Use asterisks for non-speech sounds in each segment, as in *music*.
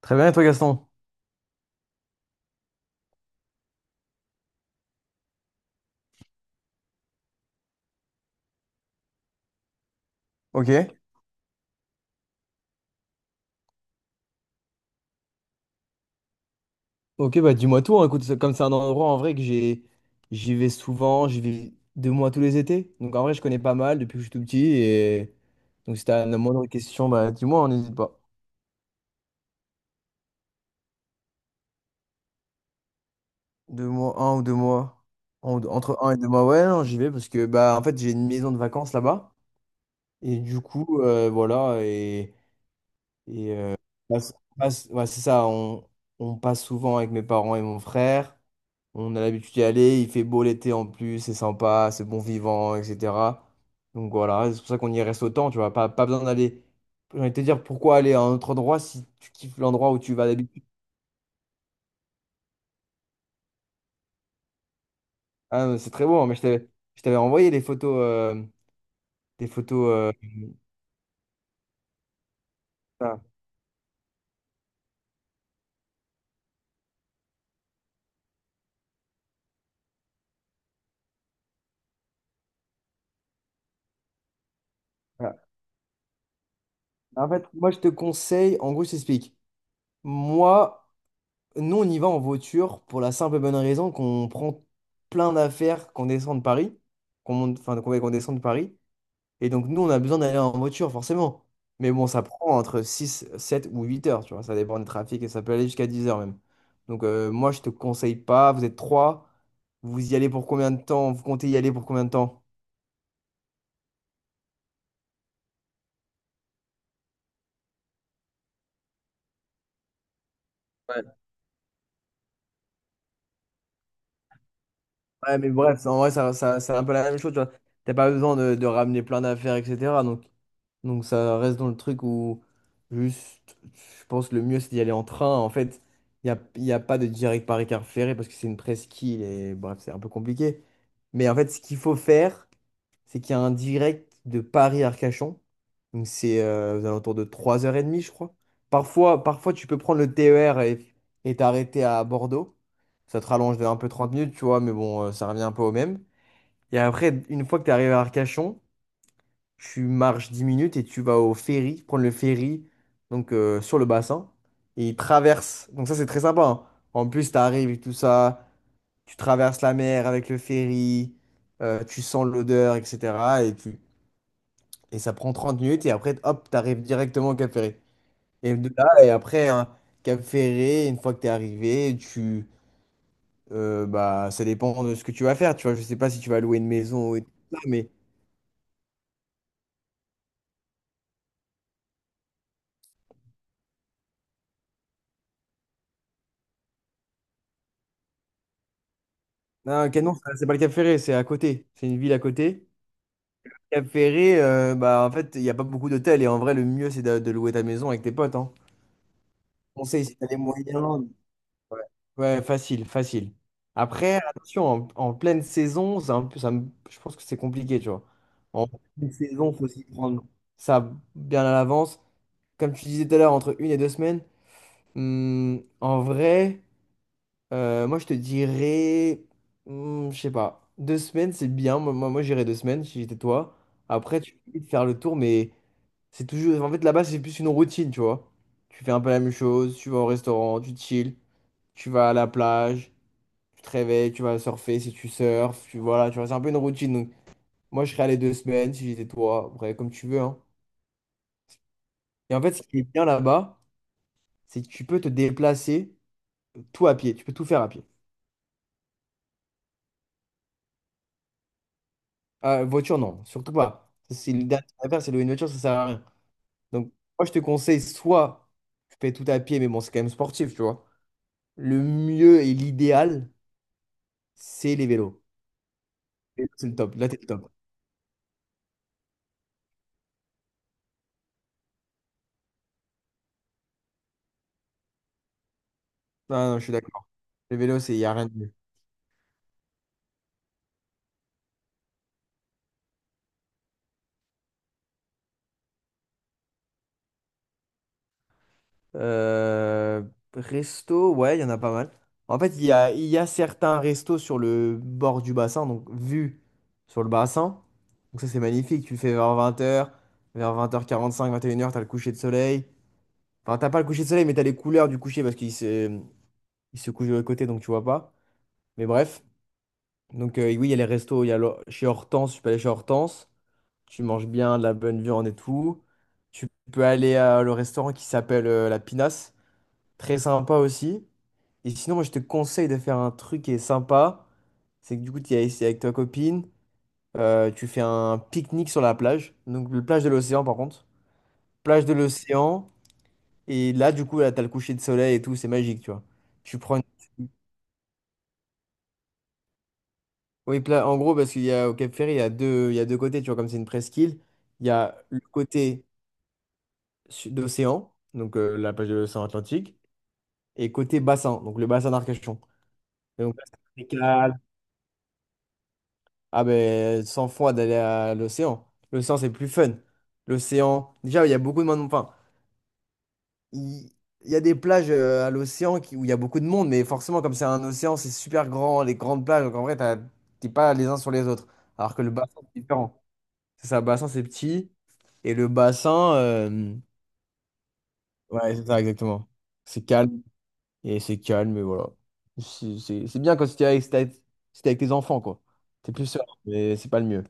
Très bien, et toi, Gaston? Ok. Ok, bah dis-moi tout, hein. Écoute, comme c'est un endroit en vrai j'y vais souvent, j'y vais 2 mois tous les étés. Donc en vrai, je connais pas mal depuis que je suis tout petit. Et donc si t'as la moindre question, bah dis-moi, on n'hésite pas. 2 mois, 1 ou 2 mois. Entre 1 et 2 mois, ouais, non, j'y vais parce que, bah, en fait, j'ai une maison de vacances là-bas. Et du coup, voilà, Et euh, ouais, c'est ça, on passe souvent avec mes parents et mon frère. On a l'habitude d'y aller, il fait beau l'été en plus, c'est sympa, c'est bon vivant, etc. Donc voilà, c'est pour ça qu'on y reste autant, tu vois. Pas besoin d'aller. J'ai envie de te dire pourquoi aller à un autre endroit si tu kiffes l'endroit où tu vas d'habitude. Ah, mais c'est très beau, hein, mais je t'avais envoyé les photos, des photos. Ah, ah. En fait, moi je te conseille, en gros, je t'explique. Moi. Nous, on y va en voiture pour la simple et bonne raison qu'on prend plein d'affaires, qu'on descend de Paris, qu'on monte, enfin, qu'on descend de Paris. Et donc, nous, on a besoin d'aller en voiture, forcément. Mais bon, ça prend entre 6, 7 ou 8 heures, tu vois. Ça dépend du trafic et ça peut aller jusqu'à 10 heures même. Donc, moi, je te conseille pas. Vous êtes trois. Vous y allez pour combien de temps? Vous comptez y aller pour combien de temps? Ouais. Ouais, mais bref, en vrai, c'est un peu la même chose, tu vois. T'as pas besoin de ramener plein d'affaires, etc. Donc, Donc ça reste dans le truc où juste, je pense le mieux c'est d'y aller en train. En fait, il y a pas de direct Paris-Car Ferré parce que c'est une presqu'île et bref, c'est un peu compliqué. Mais en fait, ce qu'il faut faire, c'est qu'il y a un direct de Paris-Arcachon. Donc c'est aux alentours de 3h30, je crois. Parfois, parfois, tu peux prendre le TER et t'arrêter à Bordeaux. Ça te rallonge de un peu 30 minutes, tu vois, mais bon, ça revient un peu au même. Et après, une fois que tu arrivé à Arcachon, tu marches 10 minutes et tu vas au ferry, prendre le ferry donc sur le bassin et il traverse. Donc ça c'est très sympa, hein. En plus tu arrives et tout ça, tu traverses la mer avec le ferry, tu sens l'odeur, etc. Et ça prend 30 minutes et après hop, tu arrives directement au Cap Ferré. Et de là, et après, hein, Cap Ferré, une fois que tu es arrivé, tu bah ça dépend de ce que tu vas faire, tu vois, je sais pas si tu vas louer une maison ou tout ça, mais non, Canon, c'est pas le Cap Ferré, c'est à côté, c'est une ville à côté. Cap Ferré, bah, en fait, il n'y a pas beaucoup d'hôtels et en vrai, le mieux, c'est de louer ta maison avec tes potes, hein. Conseil, si t'as les moyens. Ouais, facile, facile. Après, attention, en pleine saison, c'est un peu, je pense que c'est compliqué, tu vois. En pleine saison, faut s'y prendre ça bien à l'avance. Comme tu disais tout à l'heure, entre 1 et 2 semaines, en vrai, moi, je te dirais, je sais pas, 2 semaines, c'est bien. Moi, moi, moi, j'irais 2 semaines si j'étais toi. Après, tu peux vite faire le tour, mais. C'est toujours. En fait, là-bas, c'est plus une routine, tu vois. Tu fais un peu la même chose, tu vas au restaurant, tu chill, tu vas à la plage, tu te réveilles, tu vas surfer si tu surfes, tu voilà, tu vois, c'est un peu une routine. Donc, moi, je serais allé 2 semaines si j'étais toi, après, comme tu veux, hein. Et en fait, ce qui est bien là-bas, c'est que tu peux te déplacer tout à pied, tu peux tout faire à pied. Voiture, non, surtout pas. Ça, c'est une dernière affaire, c'est louer une voiture, ça sert à rien. Donc, moi, je te conseille soit tu fais tout à pied, mais bon, c'est quand même sportif, tu vois. Le mieux et l'idéal, c'est les vélos. C'est le top. Là, t'es le top. Non, non, je suis d'accord. Le vélo, c'est, il n'y a rien de mieux. Euh, Resto, ouais, il y en a pas mal. En fait, il y a certains restos sur le bord du bassin, donc vue sur le bassin. Donc ça, c'est magnifique. Tu le fais vers 20 heures, vers 20h45, 21 heures, t'as le coucher de soleil. Enfin, t'as pas le coucher de soleil, mais t'as les couleurs du coucher parce qu'il se couche de l'autre côté, donc tu vois pas. Mais bref. Donc oui, il y a les restos. Il y a le- Chez Hortense, je suis pas allé chez Hortense. Tu manges bien, de la bonne viande et tout. Tu peux aller à le restaurant qui s'appelle La Pinasse, très sympa aussi. Et sinon, moi, je te conseille de faire un truc qui est sympa. C'est que du coup, tu es ici avec ta copine, tu fais un pique-nique sur la plage. Donc, le plage de l'océan, par contre. Plage de l'océan. Et là, du coup, là, t'as le coucher de soleil et tout, c'est magique, tu vois. Tu prends une- Oui, en gros, parce qu'il y a au Cap Ferry, il y a deux côtés, tu vois, comme c'est une presqu'île. Il y a le côté d'océan, donc la plage de l'océan Atlantique, et côté bassin, donc le bassin d'Arcachon. Et donc, là, c'est très calme. Ah ben, sans froid d'aller à l'océan. L'océan, c'est plus fun. L'océan, déjà, il y a beaucoup de monde. Enfin, il il y a des plages à l'océan où il y a beaucoup de monde, mais forcément, comme c'est un océan, c'est super grand, les grandes plages, donc en vrai, t'es pas les uns sur les autres. Alors que le bassin, c'est différent. C'est ça, le bassin, c'est petit, et le bassin, ouais, c'est ça, exactement. C'est calme. Et c'est calme, mais voilà. C'est bien quand c'était avec, c'était t'es avec, si t'es avec tes enfants, quoi. T'es plus seul, mais c'est pas le mieux.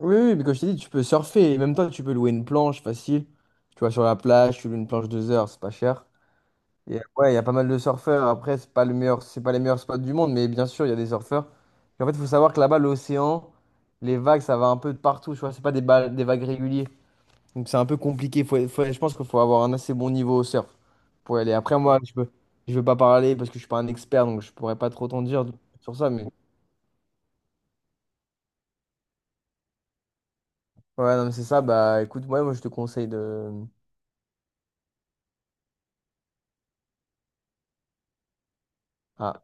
Oui, oui, mais quand je t'ai dit, tu peux surfer. Et même toi, tu peux louer une planche facile. Tu vois, sur la plage, tu loues une planche 2 heures, c'est pas cher. Et ouais, il y a pas mal de surfeurs. Après, c'est pas les meilleurs spots du monde, mais bien sûr, il y a des surfeurs. Et en fait, il faut savoir que là-bas, l'océan, les vagues, ça va un peu de partout. Tu vois, c'est pas des, ba- des vagues régulières. Donc c'est un peu compliqué. Je pense qu'il faut avoir un assez bon niveau au surf pour y aller. Après, moi, je veux pas parler parce que je suis pas un expert, donc je pourrais pas trop t'en dire sur ça. Mais ouais, non, mais c'est ça. Bah écoute, ouais, moi, je te conseille de. Ah.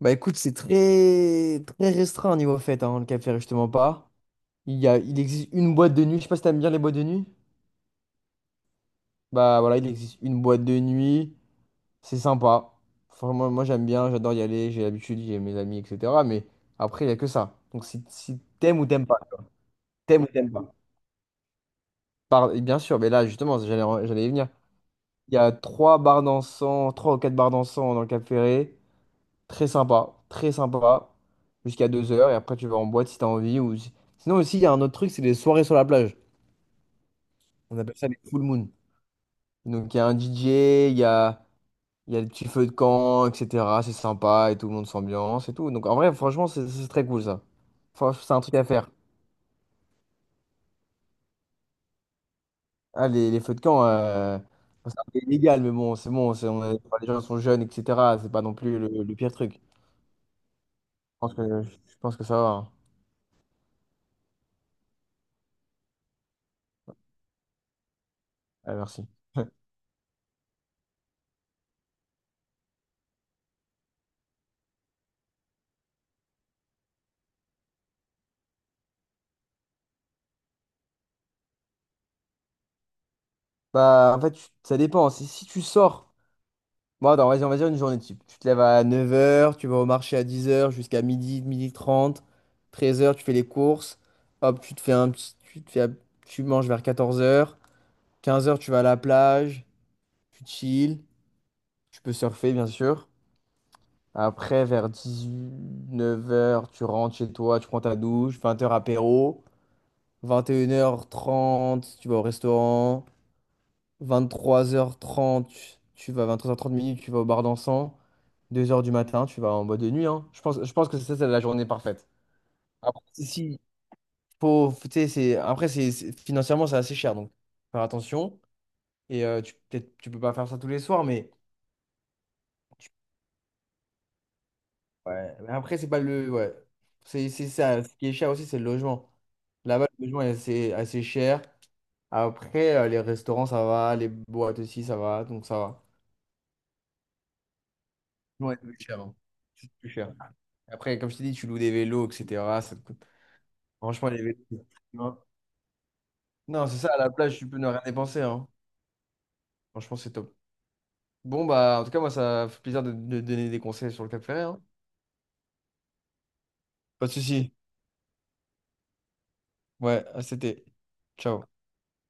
Bah écoute, c'est très très restreint au niveau fête, hein, le café, justement pas. Il existe une boîte de nuit. Je sais pas si t'aimes bien les boîtes de nuit. Bah voilà, il existe une boîte de nuit. C'est sympa. Enfin, moi, j'aime bien, j'adore y aller, j'ai l'habitude, j'ai mes amis, etc. Mais après, il y a que ça. Donc si t'aimes ou t'aimes pas. T'aimes ou t'aimes pas? Bien sûr, mais là, justement, j'allais y venir. Il y a trois bars dansants, trois ou quatre bars dansants dans le Cap Ferré. Très sympa, très sympa. Jusqu'à 2 heures. Et après, tu vas en boîte si t'as envie. Ou... si- Sinon, aussi, il y a un autre truc, c'est les soirées sur la plage. On appelle ça les full moon. Donc, il y a un DJ, il y a le petit feu de camp, etc. C'est sympa et tout le monde s'ambiance et tout. Donc, en vrai, franchement, c'est très cool ça. C'est un truc à faire. Ah, les feux de camp, bon, c'est un peu illégal, mais bon, c'est bon, enfin, les gens sont jeunes, etc. C'est pas non plus le pire truc. Je pense que ça va, hein. Ah, merci. *laughs* Bah, en fait, ça dépend. Si tu sors, bon, attends, vas-y, on va dire une journée type. Tu te lèves à 9h, tu vas au marché à 10h jusqu'à midi, midi trente, 13 heures, tu fais les courses. Hop, tu te fais un petit, tu te fais, un- tu manges vers 14h, 15h, tu vas à la plage, tu chill, tu peux surfer, bien sûr. Après, vers 19 heures, tu rentres chez toi, tu prends ta douche, 20 heures apéro, 21h30, tu vas au restaurant, 23h30, tu vas 23h30, tu vas au bar dansant, 2h du matin, tu vas en boîte de nuit, hein. Je pense que ça, c'est la journée parfaite. Après, si, si, faut, faut- tu sais, financièrement, c'est assez cher, donc faire attention. Et tu, peut-être, tu peux pas faire ça tous les soirs, mais ouais, mais après, c'est pas le. Ouais. C'est ça. Ce qui est cher aussi, c'est le logement. Là-bas, le logement est assez, assez cher. Après, les restaurants, ça va. Les boîtes aussi, ça va. Donc, ça va. Ouais, c'est plus cher, hein. C'est plus cher. Après, comme je t'ai dit, tu loues des vélos, etc. Ça te coûte- Franchement, les vélos, non, non, c'est ça. À la plage, tu peux ne rien dépenser, hein. Franchement, c'est top. Bon, bah, en tout cas, moi, ça fait plaisir de donner des conseils sur le Cap Ferret, hein. Pas de souci. Ouais, c'était. Ciao.